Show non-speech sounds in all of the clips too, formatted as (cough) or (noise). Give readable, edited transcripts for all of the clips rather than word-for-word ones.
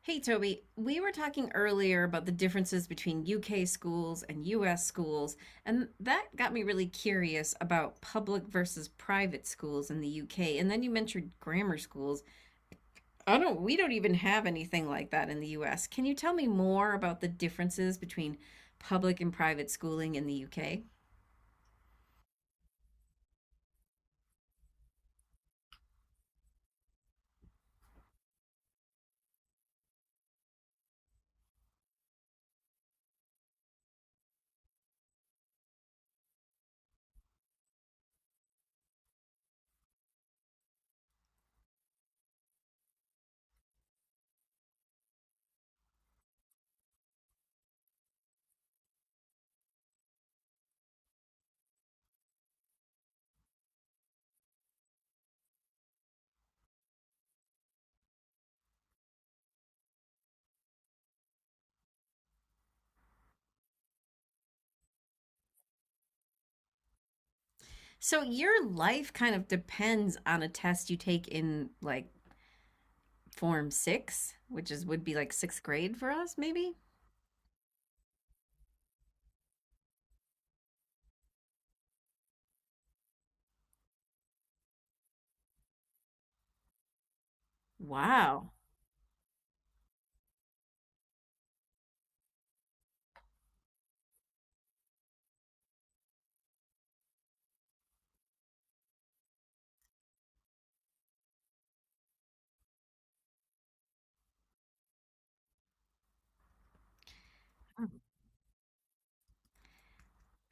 Hey, Toby, we were talking earlier about the differences between UK schools and US schools, and that got me really curious about public versus private schools in the UK. And then you mentioned grammar schools. I don't, we don't even have anything like that in the US. Can you tell me more about the differences between public and private schooling in the UK? So your life kind of depends on a test you take in like form six, which is would be like sixth grade for us, maybe? Wow.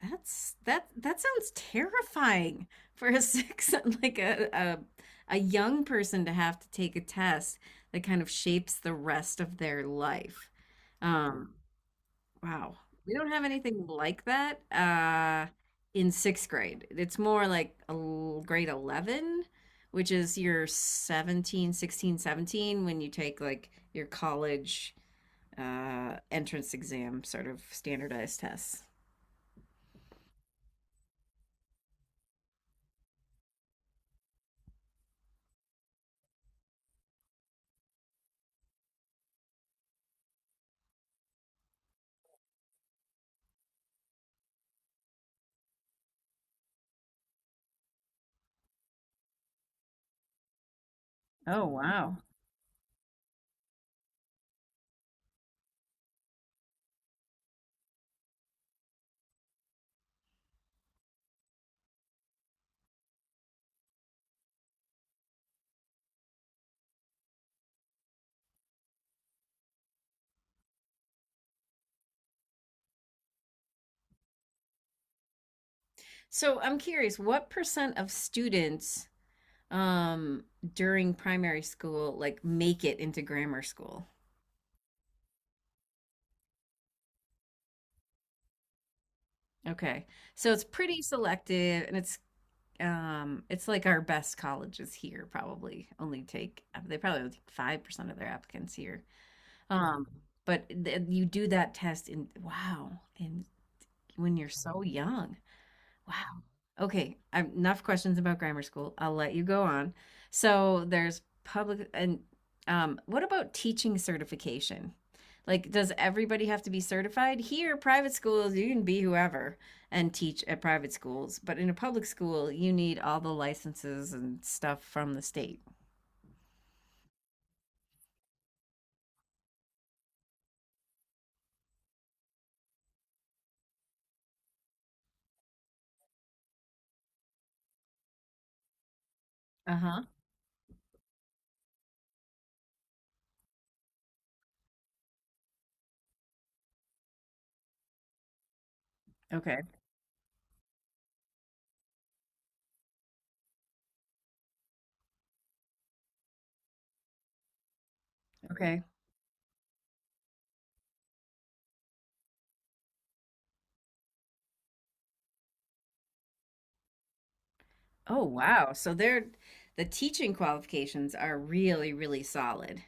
That sounds terrifying for a six (laughs) like a young person to have to take a test that kind of shapes the rest of their life. Um, wow. We don't have anything like that in sixth grade. It's more like grade 11, which is your 17, 16, 17 when you take like your college entrance exam sort of standardized tests. Oh, wow. So I'm curious, what percent of students um, during primary school like make it into grammar school? Okay. So it's pretty selective and it's like our best colleges here probably only take they probably only take 5% of their applicants here. Um but th you do that test in, wow, and when you're so young. Wow. Okay. I'm enough questions about grammar school. I'll let you go on. So there's public and what about teaching certification? Like, does everybody have to be certified? Here, private schools, you can be whoever and teach at private schools, but in a public school, you need all the licenses and stuff from the state. Uh-huh. Okay. Okay. Oh, wow. So the teaching qualifications are really, really solid.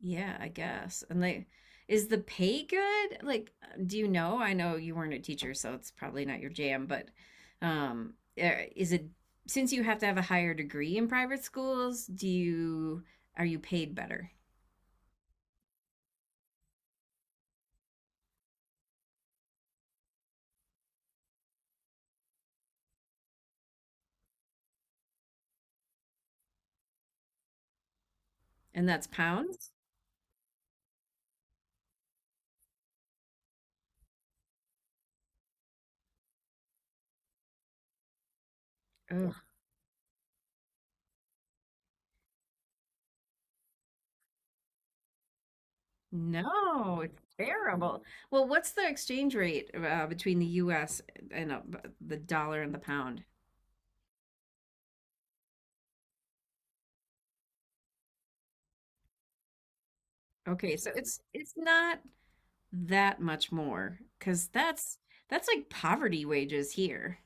Yeah, I guess. And like, is the pay good? Like, do you know? I know you weren't a teacher, so it's probably not your jam, but is it since you have to have a higher degree in private schools, do you are you paid better? And that's pounds? Oh. No, it's terrible. Well, what's the exchange rate between the US and the dollar and the pound? Okay, so it's not that much more because that's like poverty wages here.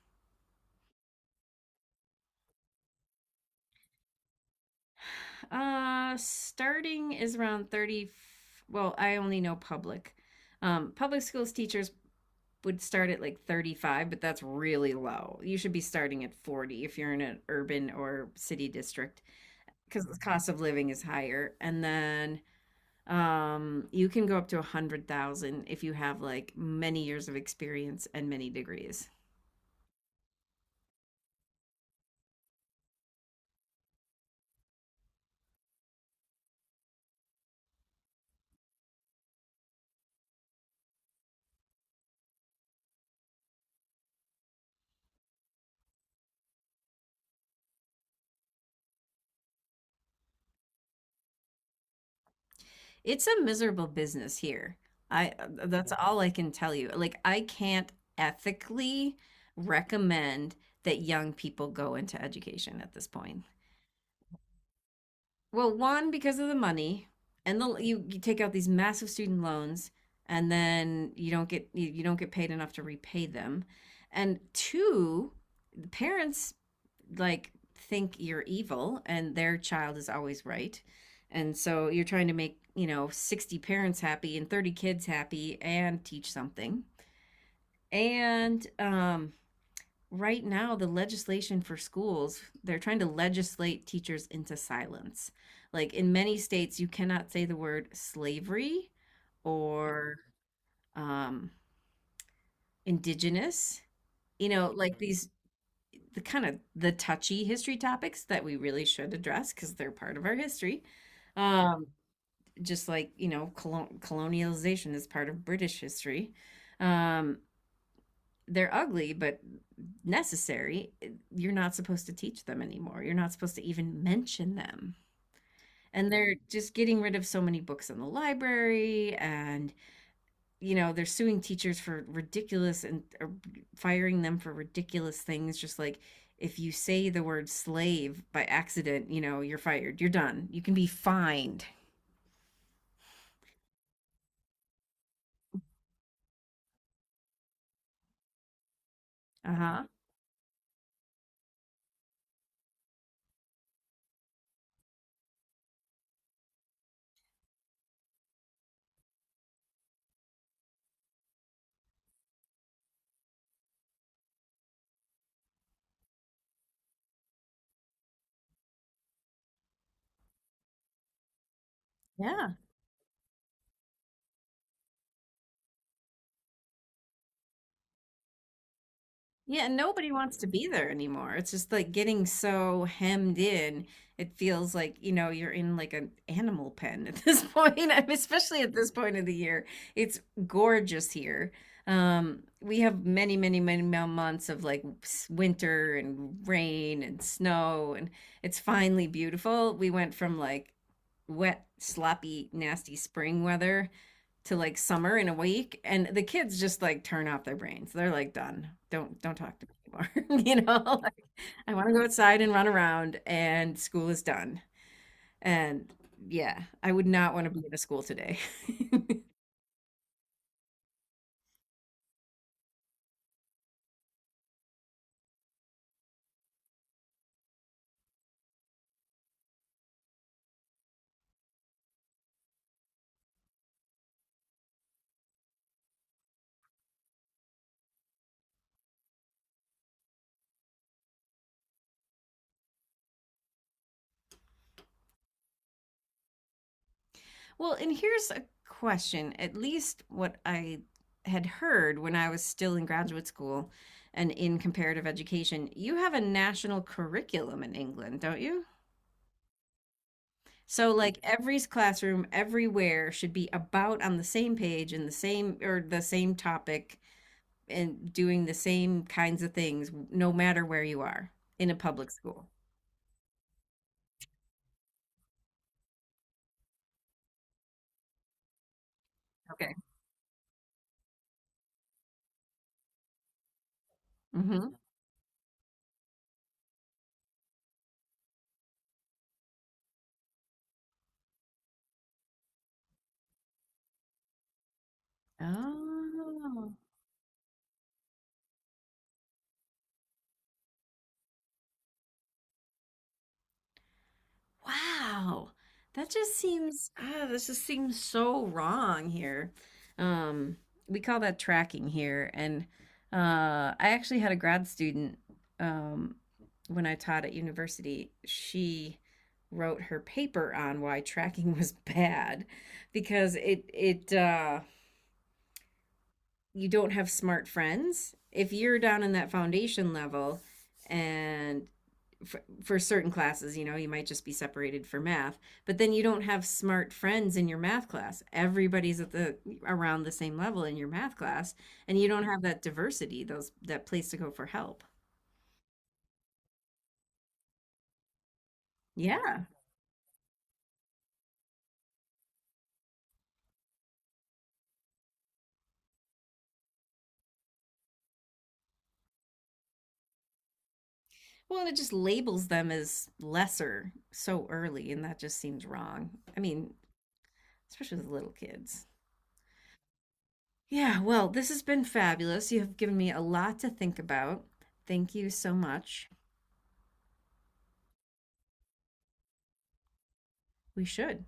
Starting is around 30. Well, I only know public. Public schools teachers would start at like 35, but that's really low. You should be starting at 40 if you're in an urban or city district, because the cost of living is higher. And then you can go up to 100,000 if you have like many years of experience and many degrees. It's a miserable business here. I that's all I can tell you. Like I can't ethically recommend that young people go into education at this point. Well, one, because of the money, and you take out these massive student loans, and then you don't get paid enough to repay them. And two, the parents like think you're evil and their child is always right. And so you're trying to make 60 parents happy and 30 kids happy and teach something. And right now, the legislation for schools, they're trying to legislate teachers into silence. Like in many states, you cannot say the word slavery or um, indigenous, like the kind of the touchy history topics that we really should address because they're part of our history. Um, just like, colonialization is part of British history. Um, they're ugly, but necessary. You're not supposed to teach them anymore. You're not supposed to even mention them. And they're just getting rid of so many books in the library, and they're suing teachers for ridiculous and or firing them for ridiculous things. Just like if you say the word slave by accident, you're fired. You're done. You can be fined. Uh huh. Yeah. Yeah, and nobody wants to be there anymore. It's just like getting so hemmed in. It feels like, you're in like an animal pen at this (laughs) point. I mean, especially at this point of the year. It's gorgeous here. We have many, many, many months of like winter and rain and snow, and it's finally beautiful. We went from like wet, sloppy, nasty spring weather to like summer in a week, and the kids just like turn off their brains. They're like done. Don't talk to me anymore. (laughs) I want to go outside and run around and school is done, and yeah, I would not want to be at a school today. (laughs) Well, and here's a question, at least what I had heard when I was still in graduate school and in comparative education: you have a national curriculum in England, don't you? So like every classroom everywhere should be about on the same page and the same, or the same topic, and doing the same kinds of things no matter where you are in a public school. Okay. Hmm. Oh. Wow. That just seems ah, this just seems so wrong here. Um, we call that tracking here. And I actually had a grad student um, when I taught at university. She wrote her paper on why tracking (laughs) was bad because it you don't have smart friends. If you're down in that foundation level, and for certain classes, you might just be separated for math, but then you don't have smart friends in your math class. Everybody's at the around the same level in your math class, and you don't have that diversity, those that place to go for help. Yeah. Well, and it just labels them as lesser so early, and that just seems wrong. I mean, especially with little kids. Yeah, well, this has been fabulous. You have given me a lot to think about. Thank you so much. We should.